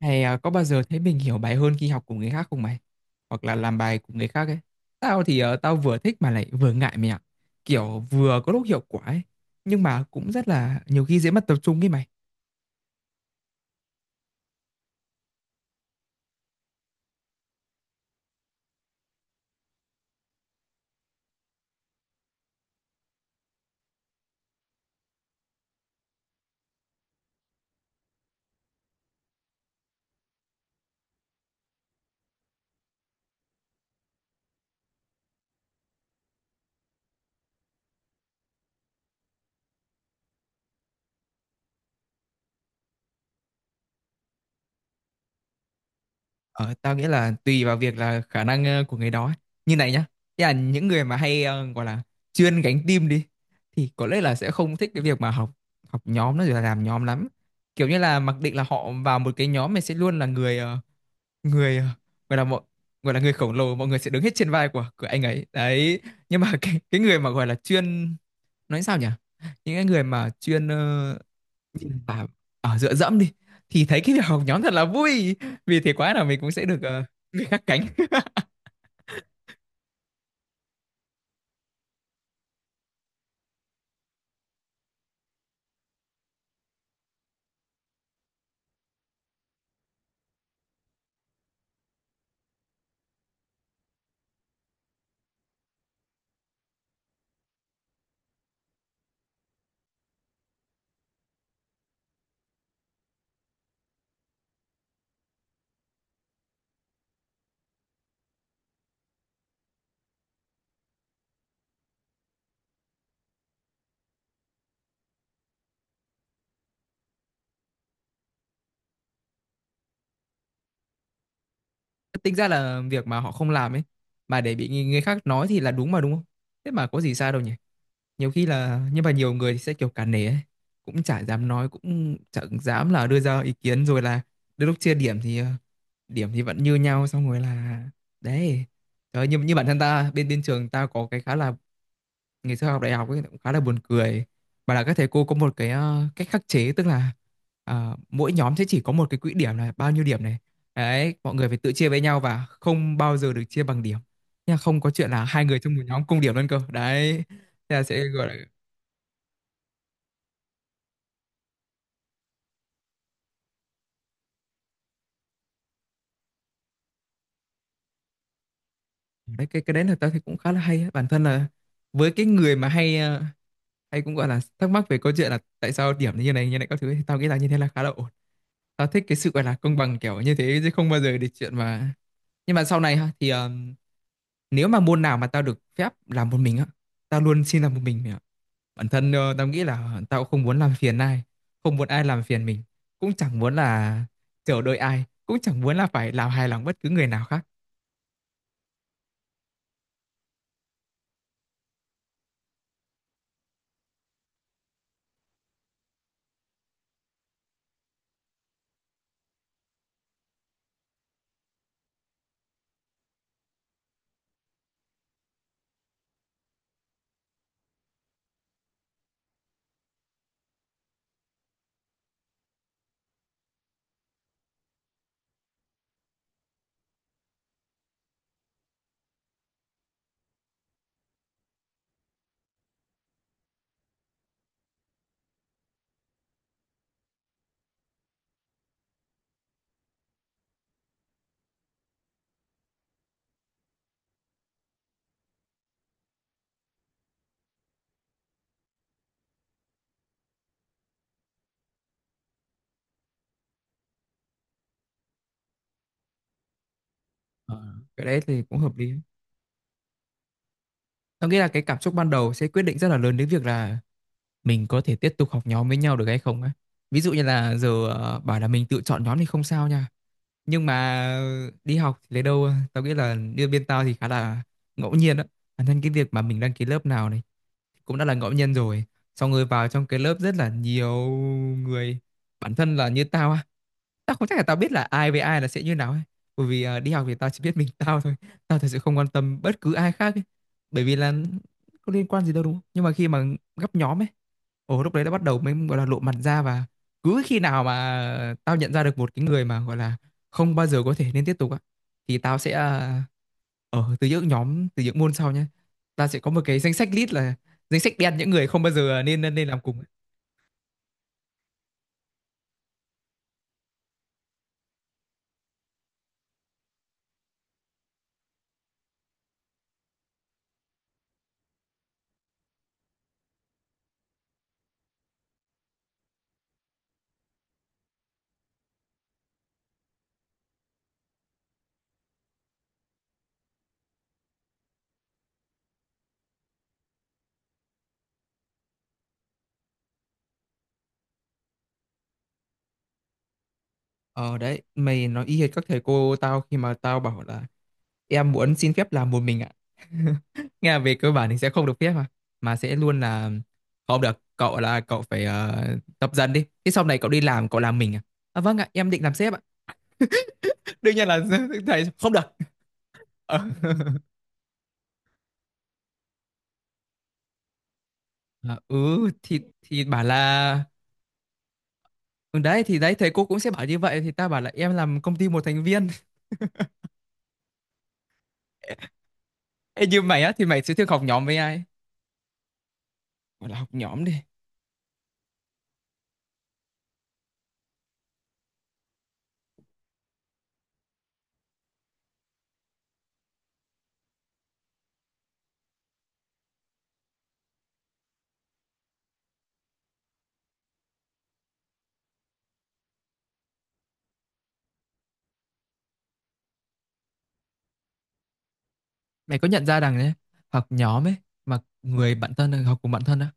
Hay à, có bao giờ thấy mình hiểu bài hơn khi học cùng người khác không mày? Hoặc là làm bài cùng người khác ấy. Tao thì tao vừa thích mà lại vừa ngại mày ạ. Kiểu vừa có lúc hiệu quả ấy. Nhưng mà cũng rất là nhiều khi dễ mất tập trung ấy mày. Ờ, tao nghĩ là tùy vào việc là khả năng của người đó ấy. Như này nhá. Thế là những người mà hay gọi là chuyên gánh team đi. Thì có lẽ là sẽ không thích cái việc mà học học nhóm nó rồi là làm nhóm lắm. Kiểu như là mặc định là họ vào một cái nhóm này sẽ luôn là người người gọi là mọi gọi là người khổng lồ, mọi người sẽ đứng hết trên vai của anh ấy đấy, nhưng mà cái người mà gọi là chuyên, nói sao nhỉ, những cái người mà chuyên ờ, à, ở dựa dẫm đi, thì thấy cái việc học nhóm thật là vui, vì thế quá là mình cũng sẽ được người khác cánh. Tính ra là việc mà họ không làm ấy, mà để bị người người khác nói thì là đúng mà, đúng không? Thế mà có gì sai đâu nhỉ? Nhiều khi là, nhưng mà nhiều người thì sẽ kiểu cả nể ấy. Cũng chả dám nói, cũng chẳng dám là đưa ra ý kiến, rồi là đến lúc chia điểm thì điểm thì vẫn như nhau, xong rồi là đấy. Trời ơi, như bản thân ta, bên bên trường ta có cái khá là, ngày xưa học đại học ấy, cũng khá là buồn cười, mà là các thầy cô có một cái cách khắc chế, tức là mỗi nhóm sẽ chỉ có một cái quỹ điểm là bao nhiêu điểm này, đấy mọi người phải tự chia với nhau và không bao giờ được chia bằng điểm nha, không có chuyện là hai người trong một nhóm cùng điểm luôn cơ đấy. Thế là sẽ gọi là, đấy, cái đấy là tao thấy cũng khá là hay á. Bản thân là, với cái người mà hay hay cũng gọi là thắc mắc về câu chuyện là tại sao điểm như này các thứ ấy, thì tao nghĩ là như thế là khá là ổn. Tao thích cái sự gọi là công bằng kiểu như thế, chứ không bao giờ để chuyện mà, nhưng mà sau này ha, thì nếu mà môn nào mà tao được phép làm một mình á, tao luôn xin làm một mình mày ạ. Bản thân tao nghĩ là tao không muốn làm phiền ai, không muốn ai làm phiền mình, cũng chẳng muốn là chờ đợi ai, cũng chẳng muốn là phải làm hài lòng bất cứ người nào khác. Ờ, cái đấy thì cũng hợp lý. Tao nghĩ là cái cảm xúc ban đầu sẽ quyết định rất là lớn đến việc là mình có thể tiếp tục học nhóm với nhau được hay không á. Ví dụ như là giờ bảo là mình tự chọn nhóm thì không sao nha. Nhưng mà đi học thì lấy đâu, tao nghĩ là như bên tao thì khá là ngẫu nhiên á. Bản thân cái việc mà mình đăng ký lớp nào này cũng đã là ngẫu nhiên rồi, xong rồi vào trong cái lớp rất là nhiều người, bản thân là như tao á, tao không chắc là tao biết là ai với ai là sẽ như nào ấy, bởi vì đi học thì tao chỉ biết mình tao thôi, tao thật sự không quan tâm bất cứ ai khác ấy. Bởi vì là có liên quan gì đâu, đúng không? Nhưng mà khi mà gấp nhóm ấy, ồ lúc đấy đã bắt đầu mới gọi là lộ mặt ra, và cứ khi nào mà tao nhận ra được một cái người mà gọi là không bao giờ có thể nên tiếp tục á, thì tao sẽ à, ở từ những nhóm, từ những môn sau nhé, ta sẽ có một cái danh sách list, là danh sách đen những người không bao giờ nên nên nên làm cùng. Ờ đấy, mày nói y hệt các thầy cô tao, khi mà tao bảo là em muốn xin phép làm một mình ạ, nghe là về cơ bản thì sẽ không được phép, mà sẽ luôn là không được, cậu là cậu phải tập dần đi, thế sau này cậu đi làm cậu làm mình, à vâng ạ, em định làm sếp ạ, đương nhiên là thầy không được. Ờ. À, ừ, thì bảo là ừ, đấy thì đấy, thầy cô cũng sẽ bảo như vậy, thì ta bảo là em làm công ty một thành viên. Ê, như mày á thì mày sẽ thường học nhóm với ai, gọi là học nhóm đi. Mày có nhận ra rằng đấy, học nhóm ấy, mà người bạn thân học cùng bạn thân á,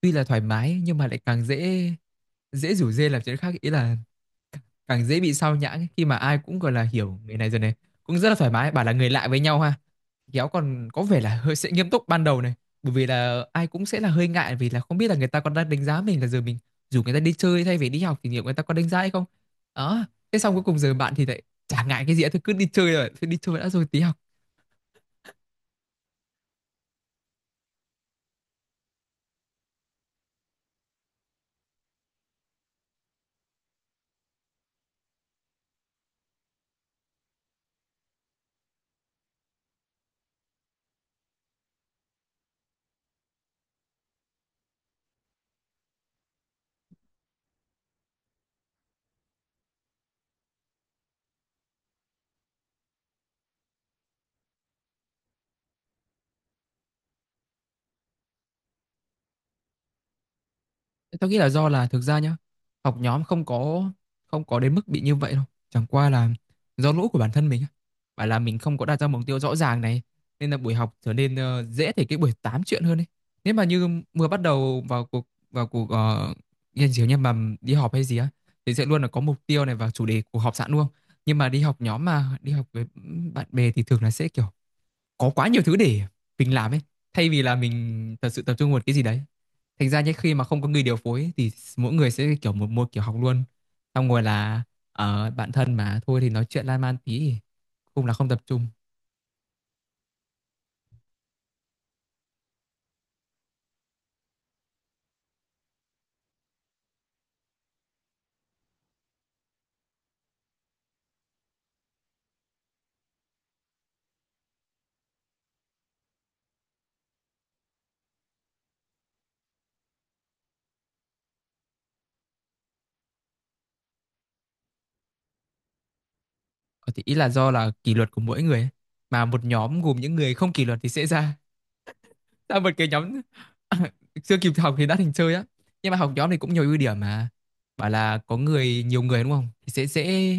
tuy là thoải mái nhưng mà lại càng dễ, dễ rủ rê làm chuyện khác, ý là càng dễ bị sao nhãng ấy, khi mà ai cũng gọi là hiểu người này rồi này, cũng rất là thoải mái. Bảo là người lạ với nhau ha, kéo còn có vẻ là hơi sẽ nghiêm túc ban đầu này, bởi vì là ai cũng sẽ là hơi ngại, vì là không biết là người ta còn đang đánh giá mình, là giờ mình dù người ta đi chơi thay vì đi học thì liệu người ta có đánh giá hay không, đó. Thế xong cuối cùng giờ bạn thì lại chả ngại cái gì hết, thôi cứ đi chơi rồi, thôi đi chơi đã rồi tí học. Tao nghĩ là do là thực ra nhá, học nhóm không có, không có đến mức bị như vậy đâu. Chẳng qua là do lỗi của bản thân mình á. Phải là mình không có đặt ra mục tiêu rõ ràng này, nên là buổi học trở nên dễ thành cái buổi tám chuyện hơn ấy. Nếu mà như vừa bắt đầu vào cuộc nghiên cứu, nhưng mà đi họp hay gì á thì sẽ luôn là có mục tiêu này và chủ đề của họp sẵn luôn. Nhưng mà đi học nhóm mà đi học với bạn bè thì thường là sẽ kiểu có quá nhiều thứ để mình làm ấy, thay vì là mình thật sự tập trung vào một cái gì đấy. Thành ra nhé, khi mà không có người điều phối ấy, thì mỗi người sẽ kiểu một một kiểu học luôn, xong rồi là ở bạn thân mà thôi thì nói chuyện lan man tí thì cũng là không tập trung. Ờ, thì ý là do là kỷ luật của mỗi người ấy, mà một nhóm gồm những người không kỷ luật thì sẽ ra sao một cái nhóm. Chưa kịp học thì đã thành chơi á. Nhưng mà học nhóm thì cũng nhiều ưu điểm mà, bảo là có người, nhiều người đúng không, thì sẽ dễ,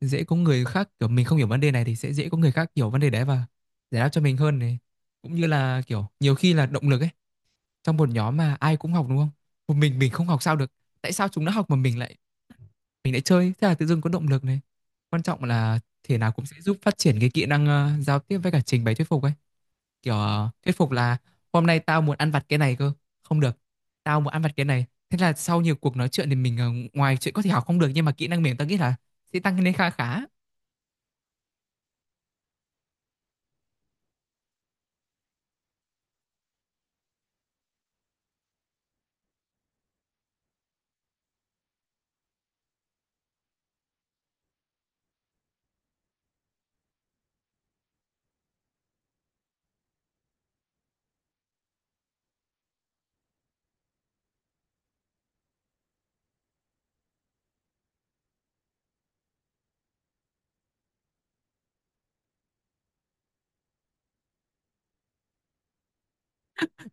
dễ có người khác, kiểu mình không hiểu vấn đề này thì sẽ dễ có người khác hiểu vấn đề đấy và giải đáp cho mình hơn này. Cũng như là kiểu nhiều khi là động lực ấy, trong một nhóm mà ai cũng học đúng không, một mình không học sao được, tại sao chúng nó học mà mình lại chơi, thế là tự dưng có động lực này. Quan trọng là thể nào cũng sẽ giúp phát triển cái kỹ năng giao tiếp với cả trình bày thuyết phục ấy, kiểu thuyết phục là hôm nay tao muốn ăn vặt cái này cơ, không được, tao muốn ăn vặt cái này, thế là sau nhiều cuộc nói chuyện thì mình ngoài chuyện có thể học không được, nhưng mà kỹ năng mềm tao nghĩ là sẽ tăng lên khá khá.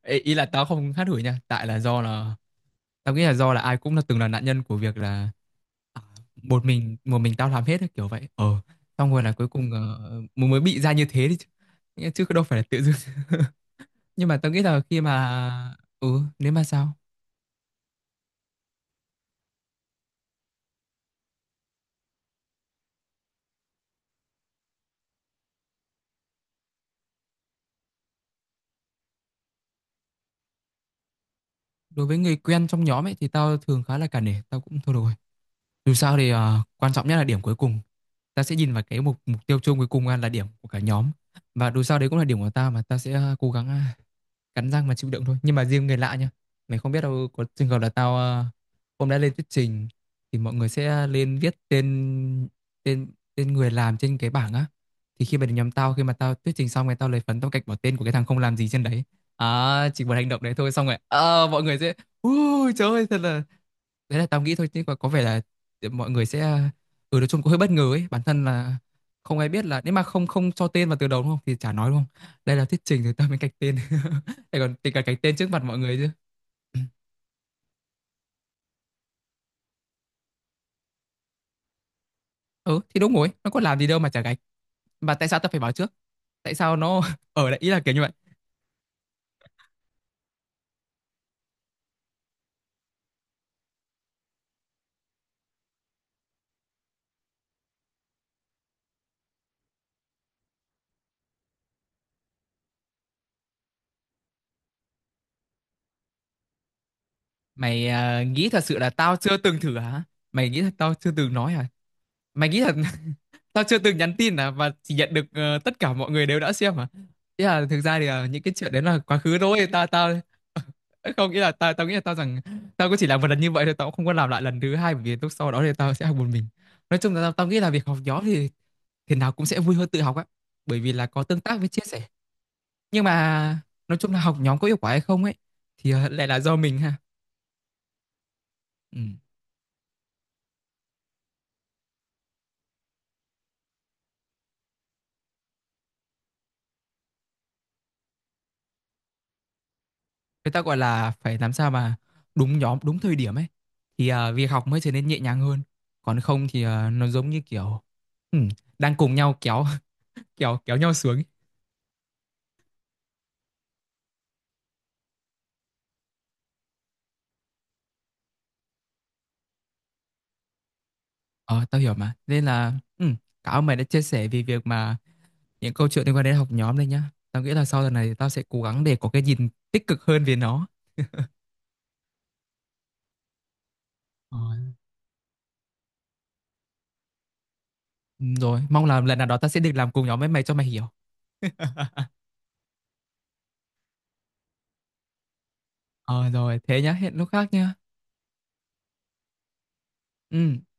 Ê, ý là tao không hát hủi nha, tại là do là tao nghĩ là do là ai cũng là từng là nạn nhân của việc là à, một mình tao làm hết ấy, kiểu vậy ờ, xong rồi là cuối cùng mới mới bị ra như thế đi chứ. Nghĩa- chứ đâu phải là tự dưng. Nhưng mà tao nghĩ là khi mà, ừ nếu mà sao, đối với người quen trong nhóm ấy thì tao thường khá là cả nể, tao cũng thôi được rồi. Dù sao thì quan trọng nhất là điểm cuối cùng. Ta sẽ nhìn vào cái mục mục tiêu chung cuối cùng là điểm của cả nhóm. Và dù sao đấy cũng là điểm của ta, mà ta sẽ cố gắng cắn răng mà chịu đựng thôi. Nhưng mà riêng người lạ nhá, mày không biết đâu, có trường hợp là tao hôm đã lên thuyết trình thì mọi người sẽ lên viết tên, tên người làm trên cái bảng á, thì khi mà đến nhóm tao, khi mà tao thuyết trình xong rồi tao lấy phấn tao gạch bỏ tên của cái thằng không làm gì trên đấy. À chỉ một hành động đấy thôi, xong rồi mọi người sẽ, ui trời ơi thật là, đấy là tao nghĩ thôi chứ, có vẻ là mọi người sẽ, ừ nói chung cũng hơi bất ngờ ấy. Bản thân là không ai biết là nếu mà không không cho tên vào từ đầu đúng không thì chả nói, đúng không? Đây là thuyết trình thì tao mới gạch tên. Để còn tính cả gạch tên trước mặt mọi người chứ. Ừ thì đúng rồi, nó có làm gì đâu mà chả gạch. Mà tại sao tao phải báo trước? Tại sao nó ở đấy, ý là kiểu như vậy. Mày nghĩ thật sự là tao chưa từng thử hả? Mày nghĩ thật tao chưa từng nói hả? Mày nghĩ thật tao chưa từng nhắn tin hả? Và chỉ nhận được tất cả mọi người đều đã xem hả? Ý là thực ra thì những cái chuyện đấy là quá khứ thôi, tao tao không nghĩ là tao tao nghĩ là tao rằng tao cũng chỉ làm một lần như vậy thôi, tao cũng không có làm lại lần thứ hai, bởi vì lúc sau đó thì tao sẽ học một mình. Nói chung là tao nghĩ là việc học nhóm thì thế nào cũng sẽ vui hơn tự học á, bởi vì là có tương tác với chia sẻ, nhưng mà nói chung là học nhóm có hiệu quả hay không ấy, thì lại là do mình ha. Ừ. Người ta gọi là phải làm sao mà đúng nhóm đúng thời điểm ấy, thì việc học mới trở nên nhẹ nhàng hơn, còn không thì nó giống như kiểu ừ, đang cùng nhau kéo kéo kéo nhau xuống ấy. Ờ tao hiểu mà, nên là ừ, cảm ơn mày đã chia sẻ về việc mà những câu chuyện liên quan đến học nhóm đây nhá, tao nghĩ là sau lần này tao sẽ cố gắng để có cái nhìn tích cực hơn về nó. Ờ. Ừ, rồi mong là lần nào đó ta sẽ được làm cùng nhóm với mày cho mày hiểu. Ờ rồi thế nhá, hẹn lúc khác nhá. Ừ.